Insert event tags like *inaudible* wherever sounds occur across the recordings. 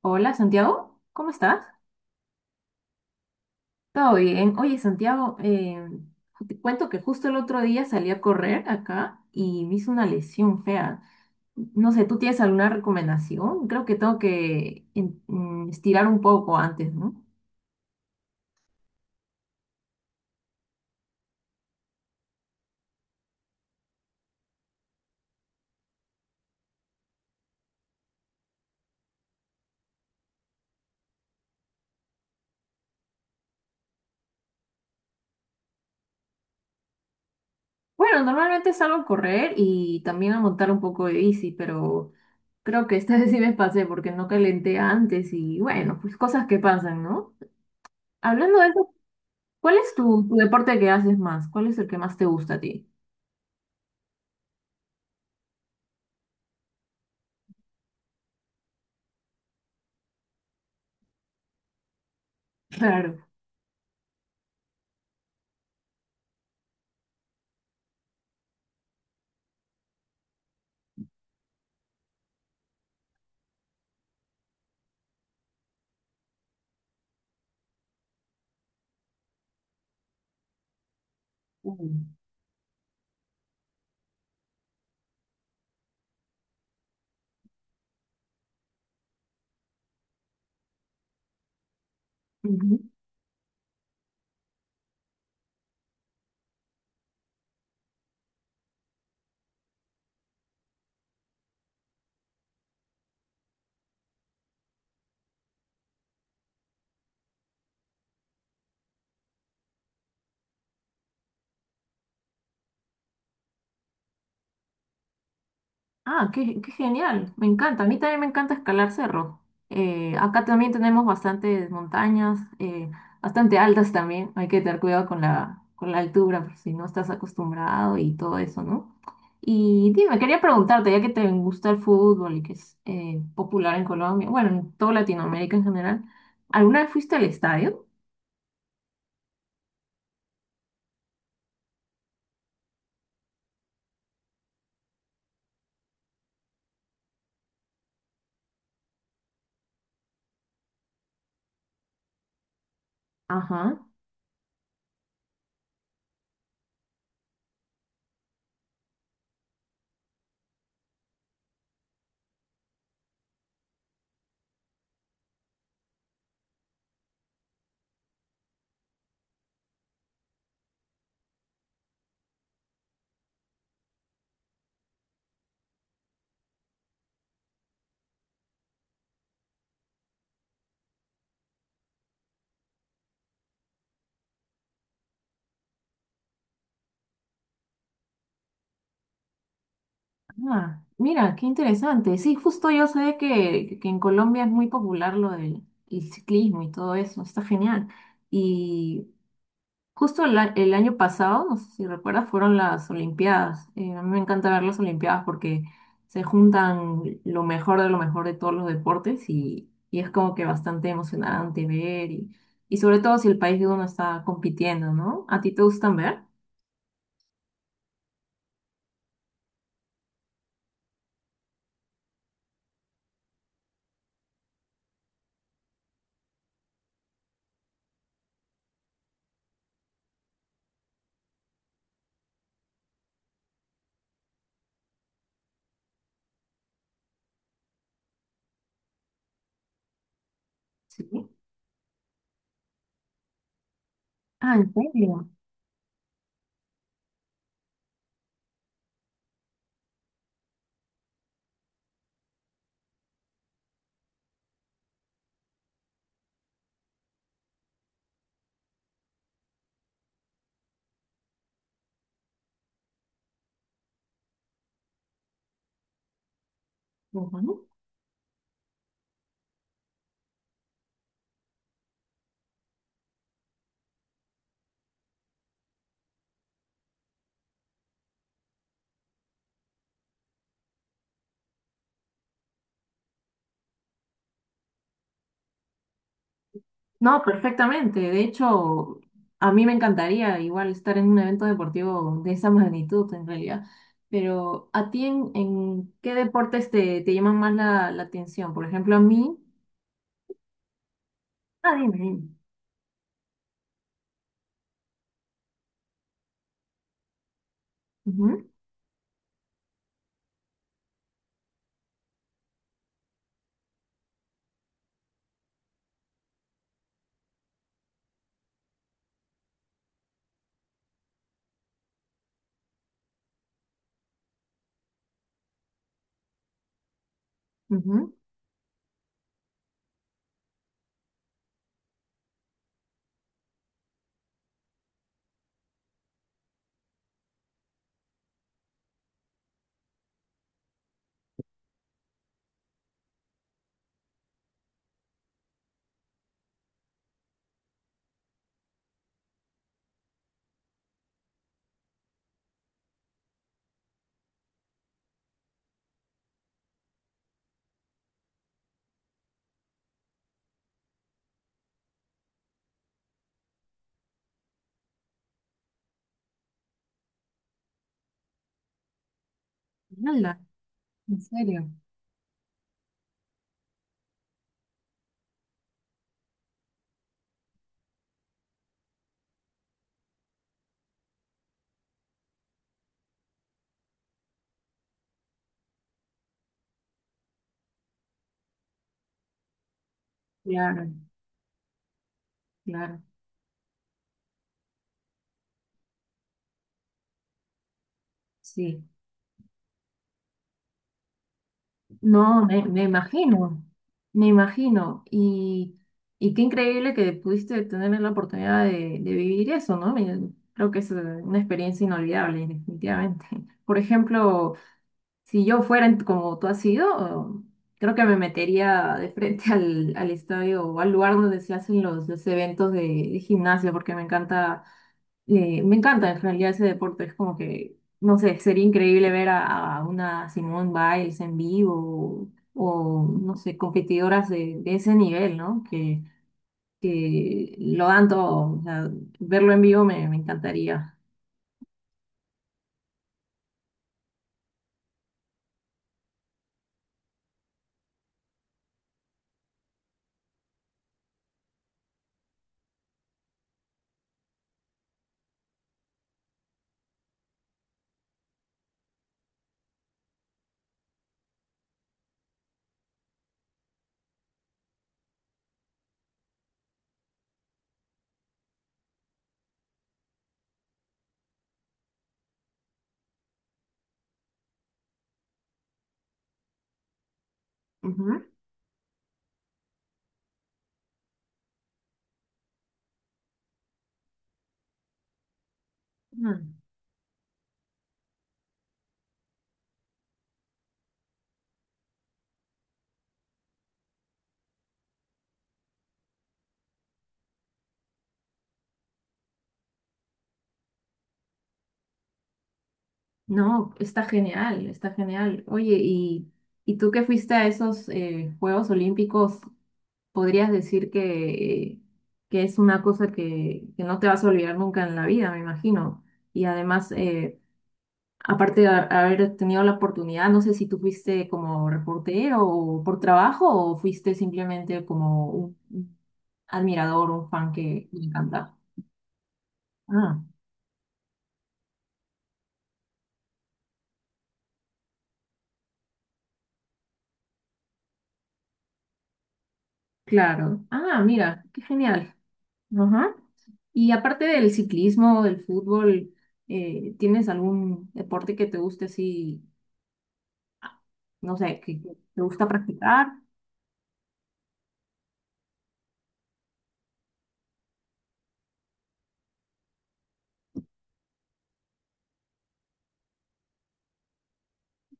Hola, Santiago, ¿cómo estás? Todo bien. Oye, Santiago, te cuento que justo el otro día salí a correr acá y me hizo una lesión fea. No sé, ¿tú tienes alguna recomendación? Creo que tengo que estirar un poco antes, ¿no? Bueno, normalmente salgo a correr y también a montar un poco de bici, pero creo que esta *laughs* vez sí me pasé porque no calenté antes y bueno, pues cosas que pasan, ¿no? Hablando de eso, ¿cuál es tu deporte que haces más? ¿Cuál es el que más te gusta a ti? Claro. Ujú. Ujú. Ah, qué genial, me encanta. A mí también me encanta escalar cerros. Acá también tenemos bastantes montañas, bastante altas también. Hay que tener cuidado con la altura, por si no estás acostumbrado y todo eso, ¿no? Y dime, quería preguntarte, ya que te gusta el fútbol y que es popular en Colombia, bueno, en toda Latinoamérica en general, ¿alguna vez fuiste al estadio? Ajá. Ah, mira, qué interesante. Sí, justo yo sé que en Colombia es muy popular lo del el ciclismo y todo eso, está genial. Y justo el año pasado, no sé si recuerdas, fueron las Olimpiadas. A mí me encanta ver las Olimpiadas porque se juntan lo mejor de todos los deportes y es como que bastante emocionante ver y sobre todo si el país de uno está compitiendo, ¿no? ¿A ti te gustan ver? Sí. Ah, ¿en serio? Ujú. No, perfectamente. De hecho, a mí me encantaría igual estar en un evento deportivo de esa magnitud en realidad. Pero ¿a ti en qué deportes te llaman más la atención? Por ejemplo, a mí... Ah, dime, dime. Ujú, ujú. Hala, en serio. Claro, claro. Sí. No, me imagino, me imagino. Y qué increíble que pudiste tener la oportunidad de vivir eso, ¿no? Me- creo que es una experiencia inolvidable, definitivamente. *laughs* Por ejemplo, si yo fuera como tú has sido, creo que me metería de frente *laughs* al estadio o al lugar donde se hacen los eventos de gimnasia, porque me encanta en realidad ese deporte, es como que, no sé, sería increíble ver a una Simone Biles en vivo o, no sé, competidoras de ese nivel, ¿no? Que lo dan todo, o sea, verlo en vivo me encantaría. Ujú. Mm. No, está genial, está genial. Oye, y tú que fuiste a esos Juegos Olímpicos? Podrías decir que es una cosa que no te vas a olvidar nunca en la vida, me imagino. Y además, aparte de haber tenido la oportunidad, no sé si tú fuiste como reportero o por trabajo o fuiste simplemente como un admirador, un fan que le encanta. Ah, claro. Ah, mira, qué genial. Ajá. Y aparte del ciclismo, del fútbol, ¿tienes algún deporte que te guste así, ah, no sé, que te gusta practicar?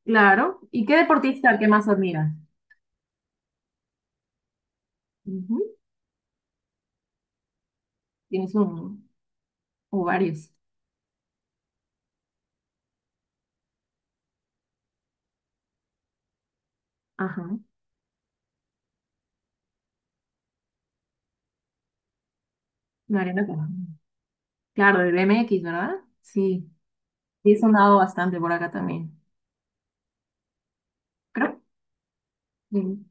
Claro. ¿Y qué deportista el que más admiras? Ujú. Tienes un o varios. Ajá. Mariana Camacho. Claro, el BMX, ¿verdad? Sí. Sí, he sonado bastante por acá también. Creo. Sí.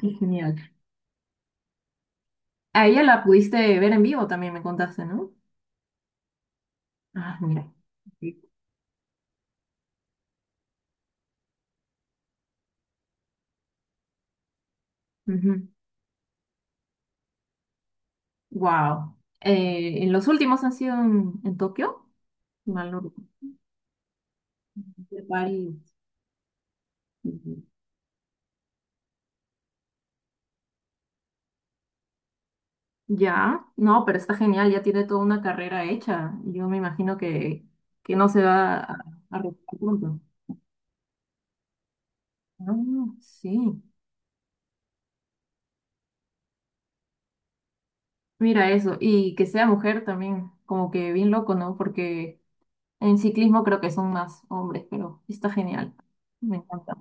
Qué genial. A ella la pudiste ver en vivo también, me contaste, ¿no? Ah, mira. Wow. En los últimos han sido en Tokio. Si mal no recuerdo, varios. Ya, no, pero está genial, ya tiene toda una carrera hecha. Yo me imagino que no se va a retirar pronto. Ah, sí, mira eso. Y que sea mujer también, como que bien loco, ¿no? Porque en ciclismo creo que son más hombres, pero está genial. Me encanta.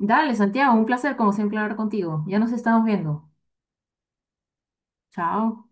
Dale, Santiago, un placer como siempre hablar contigo. Ya nos estamos viendo. Chao.